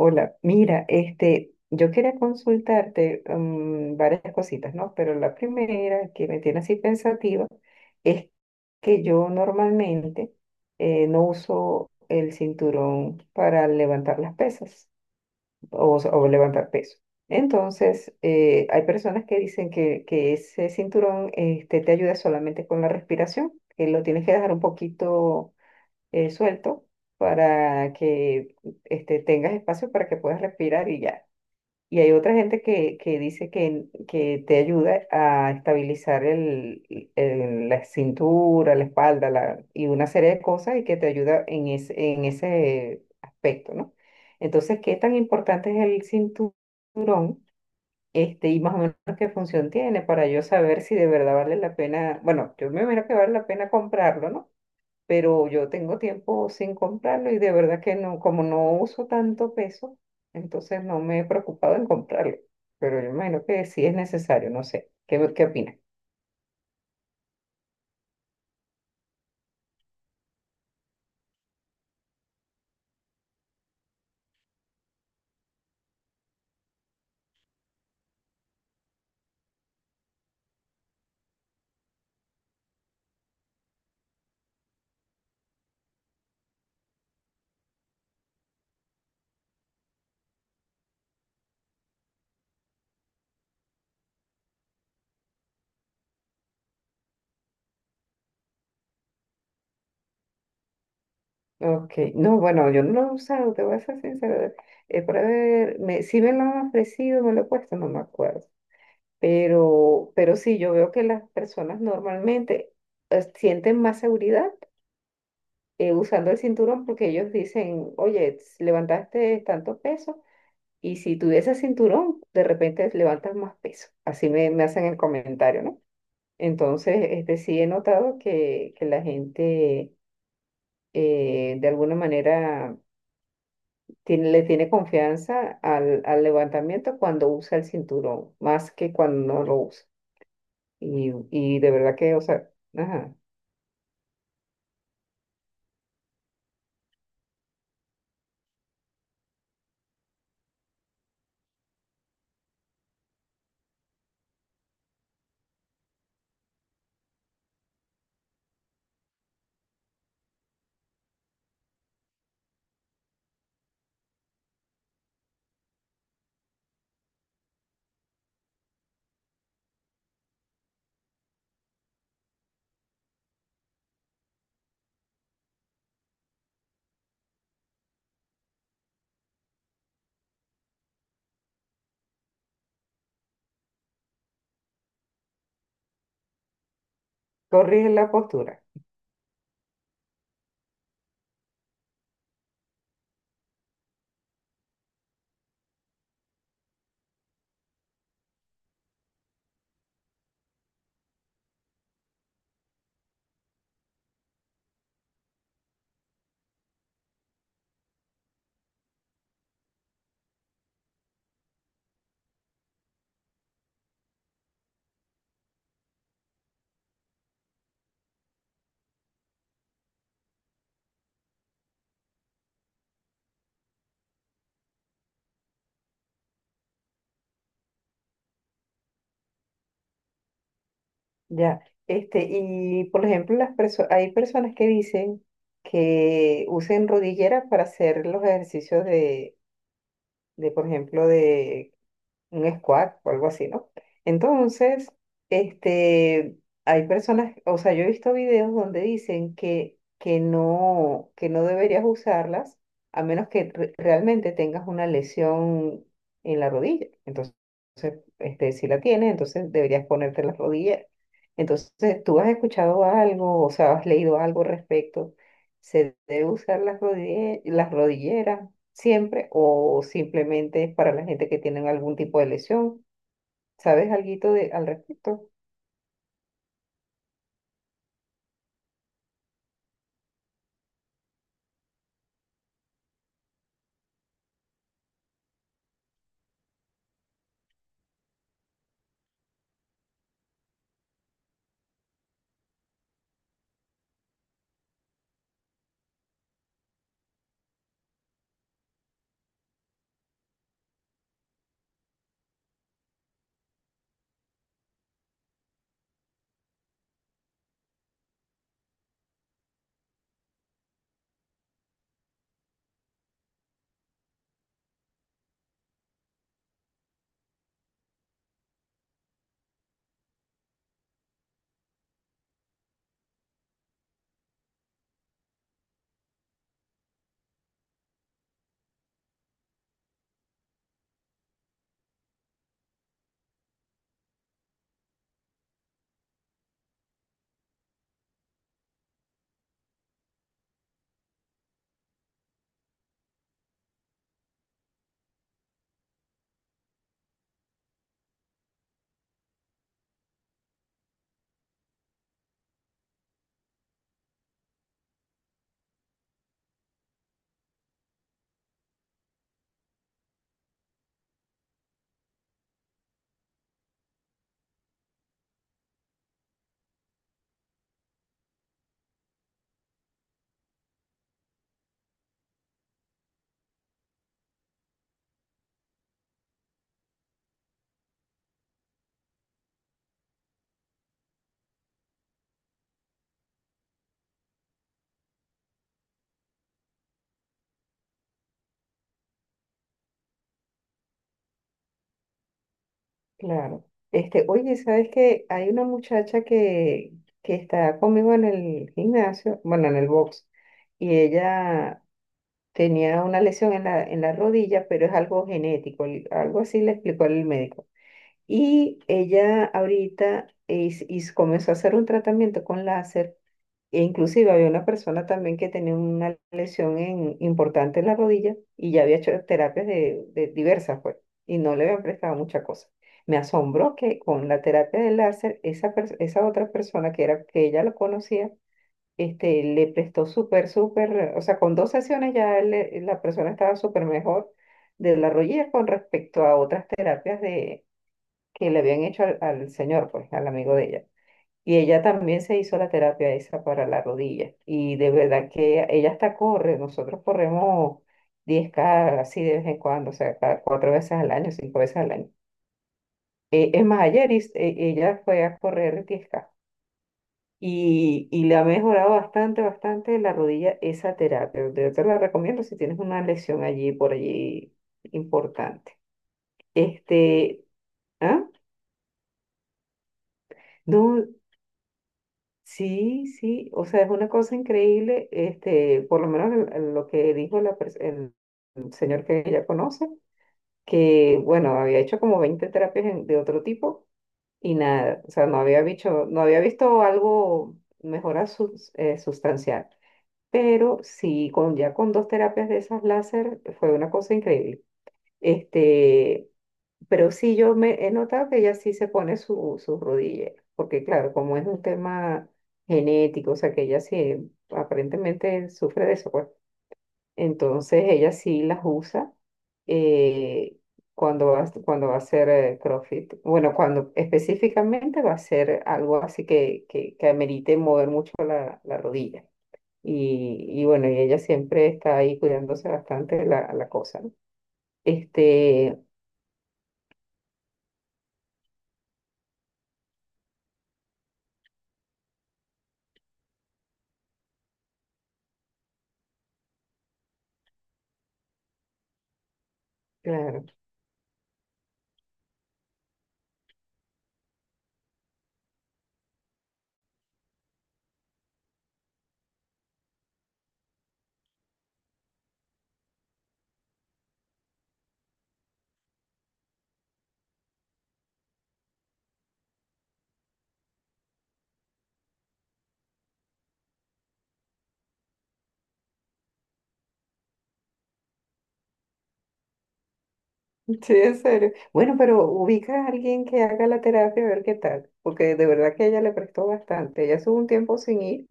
Hola, mira, yo quería consultarte varias cositas, ¿no? Pero la primera que me tiene así pensativa es que yo normalmente no uso el cinturón para levantar las pesas o levantar peso. Entonces, hay personas que dicen que ese cinturón te ayuda solamente con la respiración, que lo tienes que dejar un poquito suelto para que tengas espacio para que puedas respirar y ya. Y hay otra gente que dice que te ayuda a estabilizar la cintura, la espalda, y una serie de cosas y que te ayuda en en ese aspecto, ¿no? Entonces, ¿qué tan importante es el cinturón? Este, y más o menos qué función tiene para yo saber si de verdad vale la pena, bueno, yo me imagino que vale la pena comprarlo, ¿no? Pero yo tengo tiempo sin comprarlo y de verdad que no, como no uso tanto peso, entonces no me he preocupado en comprarlo, pero yo imagino que sí es necesario, no sé, ¿qué opinas? Ok, no, bueno, yo no lo he usado, te voy a ser sincera, para ver, me, si me lo han ofrecido, me lo he puesto, no me acuerdo, pero sí, yo veo que las personas normalmente sienten más seguridad usando el cinturón porque ellos dicen, oye, s- levantaste tanto peso, y si tuviese cinturón, de repente levantas más peso. Así me hacen el comentario, ¿no? Entonces, sí he notado que la gente de alguna manera tiene, le tiene confianza al levantamiento cuando usa el cinturón, más que cuando no lo usa. Y de verdad que, o sea, ajá, corrige la postura. Ya. Este, y por ejemplo, las perso- hay personas que dicen que usen rodilleras para hacer los ejercicios de por ejemplo, de un squat o algo así, ¿no? Entonces, este, hay personas, o sea, yo he visto videos donde dicen que no deberías usarlas a menos que re- realmente tengas una lesión en la rodilla. Entonces, este, si la tienes, entonces deberías ponerte las rodillas. Entonces, ¿tú has escuchado algo, o sea, has leído algo al respecto? ¿Se debe usar las rodille- las rodilleras siempre o simplemente es para la gente que tienen algún tipo de lesión? ¿Sabes alguito de, al respecto? Claro. Este, oye, ¿sabes que hay una muchacha que está conmigo en el gimnasio, bueno, en el box, y ella tenía una lesión en en la rodilla, pero es algo genético, el- algo así le explicó el médico. Y ella ahorita es- y comenzó a hacer un tratamiento con láser. E inclusive había una persona también que tenía una lesión en- importante en la rodilla y ya había hecho terapias de diversas, pues, y no le habían prestado mucha cosa. Me asombró que con la terapia del láser, esa, pers- esa otra persona que, era, que ella lo conocía, este, le prestó súper, súper, o sea, con dos sesiones ya él le- la persona estaba súper mejor de la rodilla con respecto a otras terapias de, que le habían hecho al señor, pues, al amigo de ella. Y ella también se hizo la terapia esa para la rodilla. Y de verdad que ella hasta corre. Nosotros corremos 10K así de vez en cuando, o sea, cada cuatro veces al año, cinco veces al año. Es más, ayer ella fue a correr 10K. Y le ha mejorado bastante, bastante la rodilla esa terapia. Yo te la recomiendo si tienes una lesión allí, por allí, importante. Este, ¿ah? No. Sí, sí, o sea, es una cosa increíble, este, por lo menos lo que dijo la pers- el señor que ella conoce, que bueno, había hecho como 20 terapias en- de otro tipo y nada, o sea, no había visto, no había visto algo mejora sus- sustancial, pero sí, con, ya con dos terapias de esas láser fue una cosa increíble. Este, pero sí, yo me he notado que ella sí se pone su rodilla porque claro, como es un tema genético, o sea, que ella sí aparentemente sufre de eso, pues. Entonces ella sí las usa eh, cuando va a hacer CrossFit. Bueno, cuando específicamente va a hacer algo así que amerite mover mucho la rodilla. Y bueno, y ella siempre está ahí cuidándose bastante la cosa, ¿no? Este, claro. Sí, en serio. Bueno, pero ubica a alguien que haga la terapia a ver qué tal, porque de verdad que ella le prestó bastante. Ella estuvo un tiempo sin ir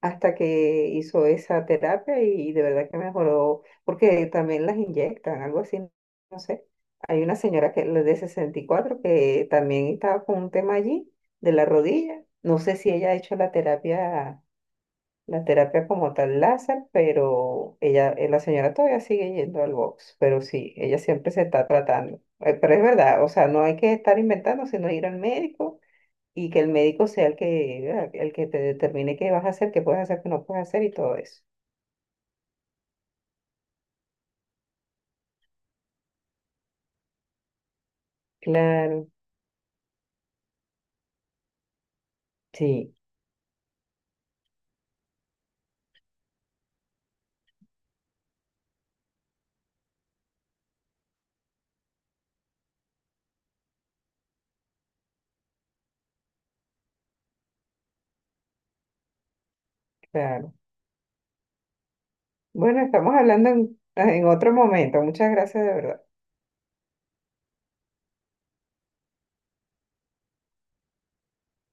hasta que hizo esa terapia y de verdad que mejoró, porque también las inyectan, algo así, no sé. Hay una señora que la de 64 que también estaba con un tema allí de la rodilla. No sé si ella ha hecho la terapia como tal láser, pero ella, la señora todavía sigue yendo al box, pero sí, ella siempre se está tratando. Pero es verdad, o sea, no hay que estar inventando, sino ir al médico y que el médico sea el que, ¿verdad?, el que te determine qué vas a hacer, qué puedes hacer, qué no puedes hacer y todo eso. Claro, sí, claro. Bueno, estamos hablando en otro momento. Muchas gracias de verdad.